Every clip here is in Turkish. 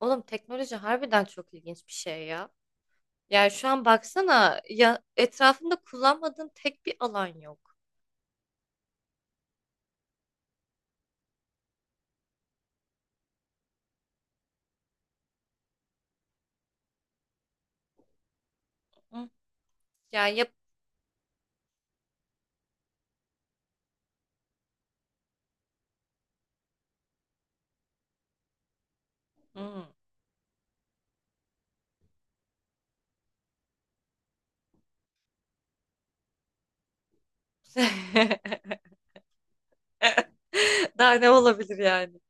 Oğlum teknoloji harbiden çok ilginç bir şey ya. Yani şu an baksana ya etrafında kullanmadığın tek bir alan yok. Hı. Yani yap Hı. Daha ne olabilir yani?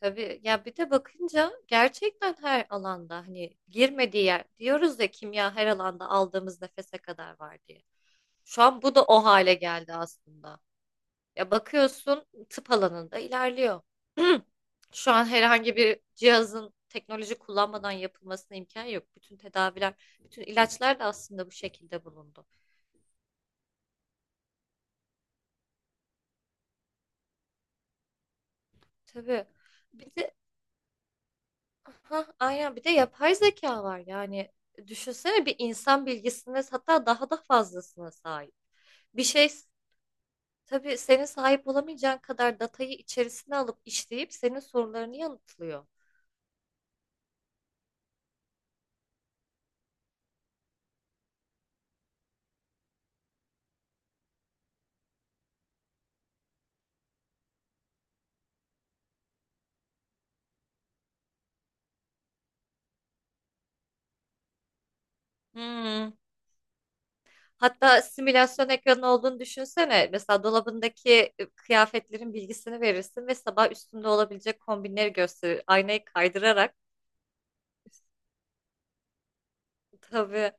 Tabii ya bir de bakınca gerçekten her alanda hani girmediği yer diyoruz ya kimya her alanda aldığımız nefese kadar var diye. Şu an bu da o hale geldi aslında. Ya bakıyorsun tıp alanında ilerliyor. Şu an herhangi bir cihazın teknoloji kullanmadan yapılmasına imkan yok. Bütün tedaviler, bütün ilaçlar da aslında bu şekilde bulundu. Tabii. Bir de ha aynen bir de yapay zeka var. Yani düşünsene bir insan bilgisine hatta daha da fazlasına sahip. Bir şey tabii senin sahip olamayacağın kadar datayı içerisine alıp işleyip senin sorularını yanıtlıyor. Hmm. Hatta simülasyon ekranı olduğunu düşünsene. Mesela dolabındaki kıyafetlerin bilgisini verirsin ve sabah üstünde olabilecek kombinleri gösterir. Aynayı kaydırarak. Tabii,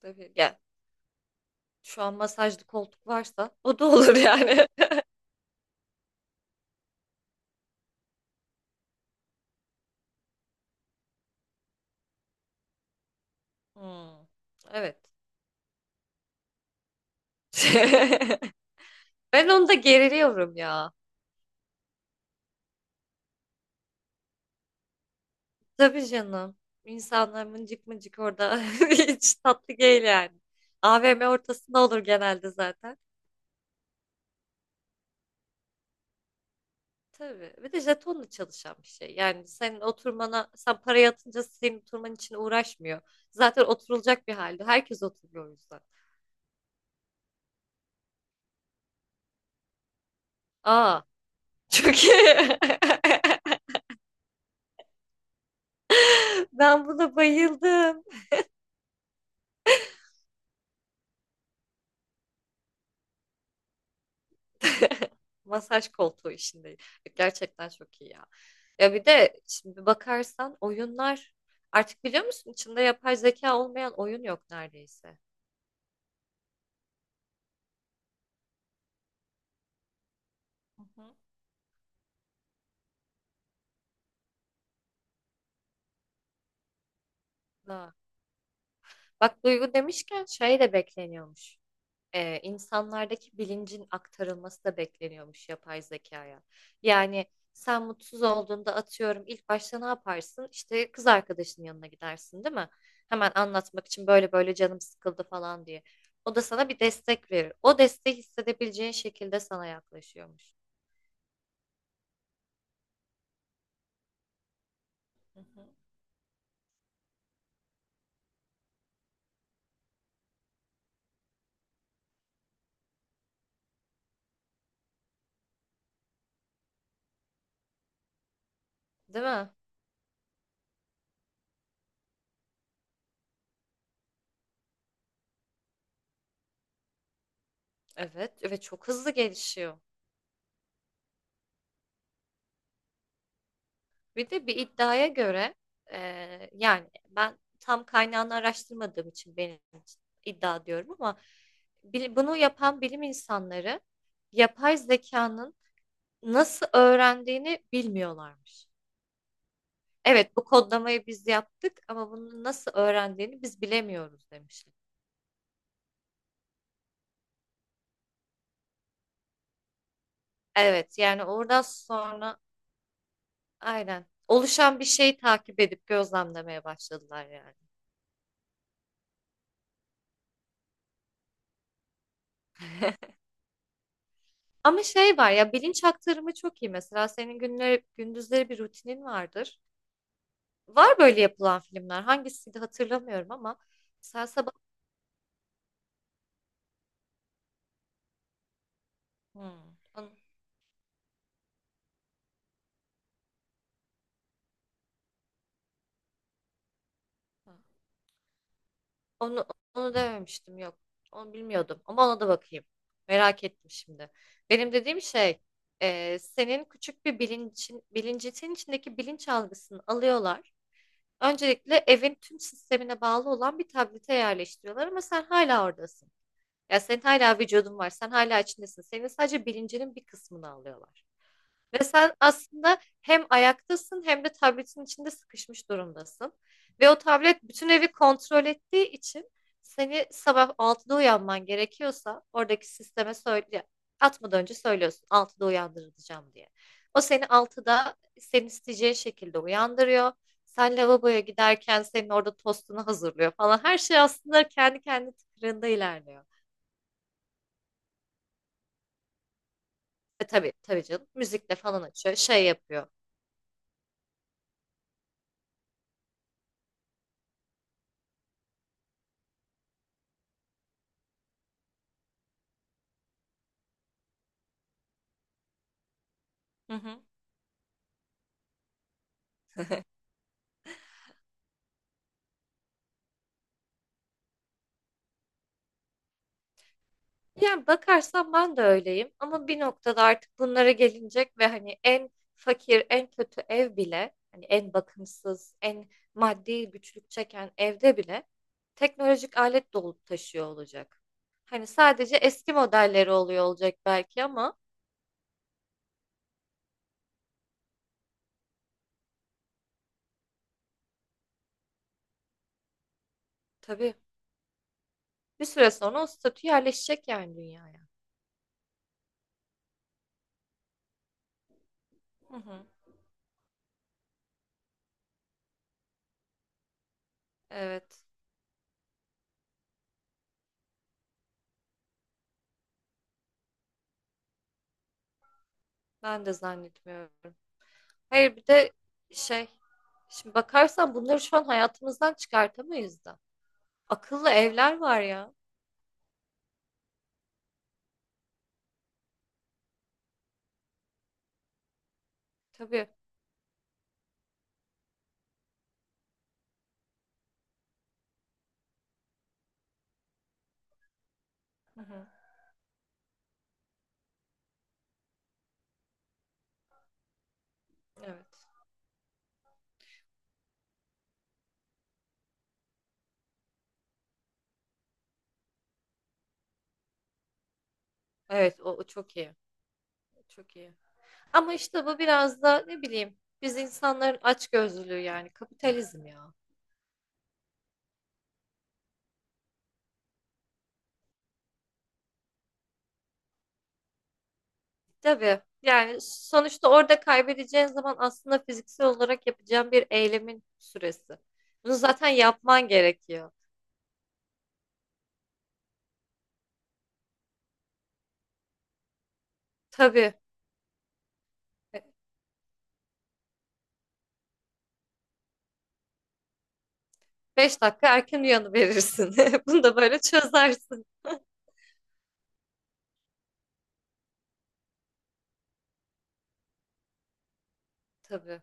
tabii. Gel. Şu an masajlı koltuk varsa o da olur yani. Hmm, evet. Ben onu da geriliyorum ya. Tabii canım. İnsanlar mıncık mıncık orada hiç tatlı değil yani. AVM ortasında olur genelde zaten. Tabii. Bir de jetonla çalışan bir şey. Yani senin oturmana, sen parayı atınca senin oturman için uğraşmıyor. Zaten oturulacak bir halde. Herkes oturuyor o yüzden. Aa, çok iyi. Ben buna bayıldım. Masaj koltuğu işinde. Gerçekten çok iyi ya. Ya bir de şimdi bakarsan oyunlar artık biliyor musun içinde yapay zeka olmayan oyun yok neredeyse. Hı hı. Ha. Bak Duygu demişken şey de bekleniyormuş. İnsanlardaki bilincin aktarılması da bekleniyormuş yapay zekaya. Yani sen mutsuz olduğunda atıyorum ilk başta ne yaparsın? İşte kız arkadaşının yanına gidersin, değil mi? Hemen anlatmak için böyle böyle canım sıkıldı falan diye. O da sana bir destek verir. O desteği hissedebileceğin şekilde sana yaklaşıyormuş. Hı hı. Değil mi? Evet ve çok hızlı gelişiyor. Bir de bir iddiaya göre yani ben tam kaynağını araştırmadığım için benim için iddia diyorum ama bunu yapan bilim insanları yapay zekanın nasıl öğrendiğini bilmiyorlarmış. Evet bu kodlamayı biz yaptık ama bunu nasıl öğrendiğini biz bilemiyoruz demişler. Evet yani oradan sonra aynen oluşan bir şeyi takip edip gözlemlemeye başladılar yani. Ama şey var ya bilinç aktarımı çok iyi. Mesela senin günleri, gündüzleri bir rutinin vardır. Var böyle yapılan filmler. Hangisiydi hatırlamıyorum ama mesela sabah. Hmm. Onu, onu dememiştim, yok. Onu bilmiyordum ama ona da bakayım. Merak ettim şimdi. Benim dediğim şey, senin küçük bir bilincin, bilincin içindeki bilinç algısını alıyorlar. Öncelikle evin tüm sistemine bağlı olan bir tablete yerleştiriyorlar ama sen hala oradasın. Ya senin hala vücudun var. Sen hala içindesin. Senin sadece bilincinin bir kısmını alıyorlar. Ve sen aslında hem ayaktasın hem de tabletin içinde sıkışmış durumdasın. Ve o tablet bütün evi kontrol ettiği için seni sabah 6'da uyanman gerekiyorsa oradaki sisteme söyle, atmadan önce söylüyorsun 6'da uyandırılacağım diye. O seni 6'da senin isteyeceğin şekilde uyandırıyor. Sen lavaboya giderken senin orada tostunu hazırlıyor falan. Her şey aslında kendi kendi tıkırında ilerliyor. Tabii tabii canım. Müzikle falan açıyor, şey yapıyor. Hı hı. Yani bakarsan ben de öyleyim ama bir noktada artık bunlara gelinecek ve hani en fakir, en kötü ev bile, hani en bakımsız, en maddi güçlük çeken evde bile teknolojik alet dolup taşıyor olacak. Hani sadece eski modelleri oluyor olacak belki ama tabii bir süre sonra o statü yerleşecek yani dünyaya. Hı hı. Evet, ben de zannetmiyorum. Hayır bir de şey, şimdi bakarsan bunları şu an hayatımızdan çıkartamayız da. Akıllı evler var ya. Tabii. Hı hı. Evet. Evet o çok iyi. Çok iyi. Ama işte bu biraz da ne bileyim biz insanların açgözlülüğü yani kapitalizm ya. Tabii. Yani sonuçta orada kaybedeceğin zaman aslında fiziksel olarak yapacağın bir eylemin süresi. Bunu zaten yapman gerekiyor. Tabii. E, 5 dakika erken uyanıverirsin. Bunu da böyle çözersin. Tabii.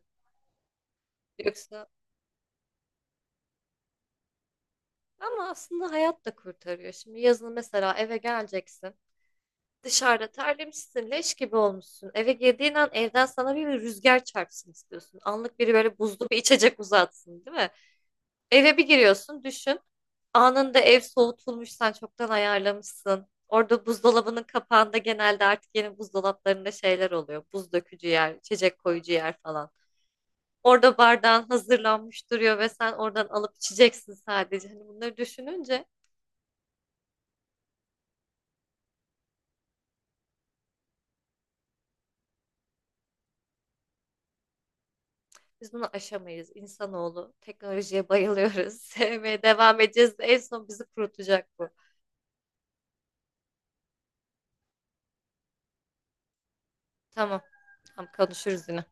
Yoksa ama aslında hayat da kurtarıyor. Şimdi yazın mesela eve geleceksin. Dışarıda terlemişsin, leş gibi olmuşsun. Eve girdiğin an evden sana bir rüzgar çarpsın istiyorsun. Anlık biri böyle buzlu bir içecek uzatsın, değil mi? Eve bir giriyorsun, düşün. Anında ev soğutulmuş, sen çoktan ayarlamışsın. Orada buzdolabının kapağında genelde artık yeni buzdolaplarında şeyler oluyor. Buz dökücü yer, içecek koyucu yer falan. Orada bardağın hazırlanmış duruyor ve sen oradan alıp içeceksin sadece. Hani bunları düşününce biz bunu aşamayız. İnsanoğlu teknolojiye bayılıyoruz. Sevmeye devam edeceğiz. En son bizi kurutacak bu. Tamam, tamam konuşuruz yine.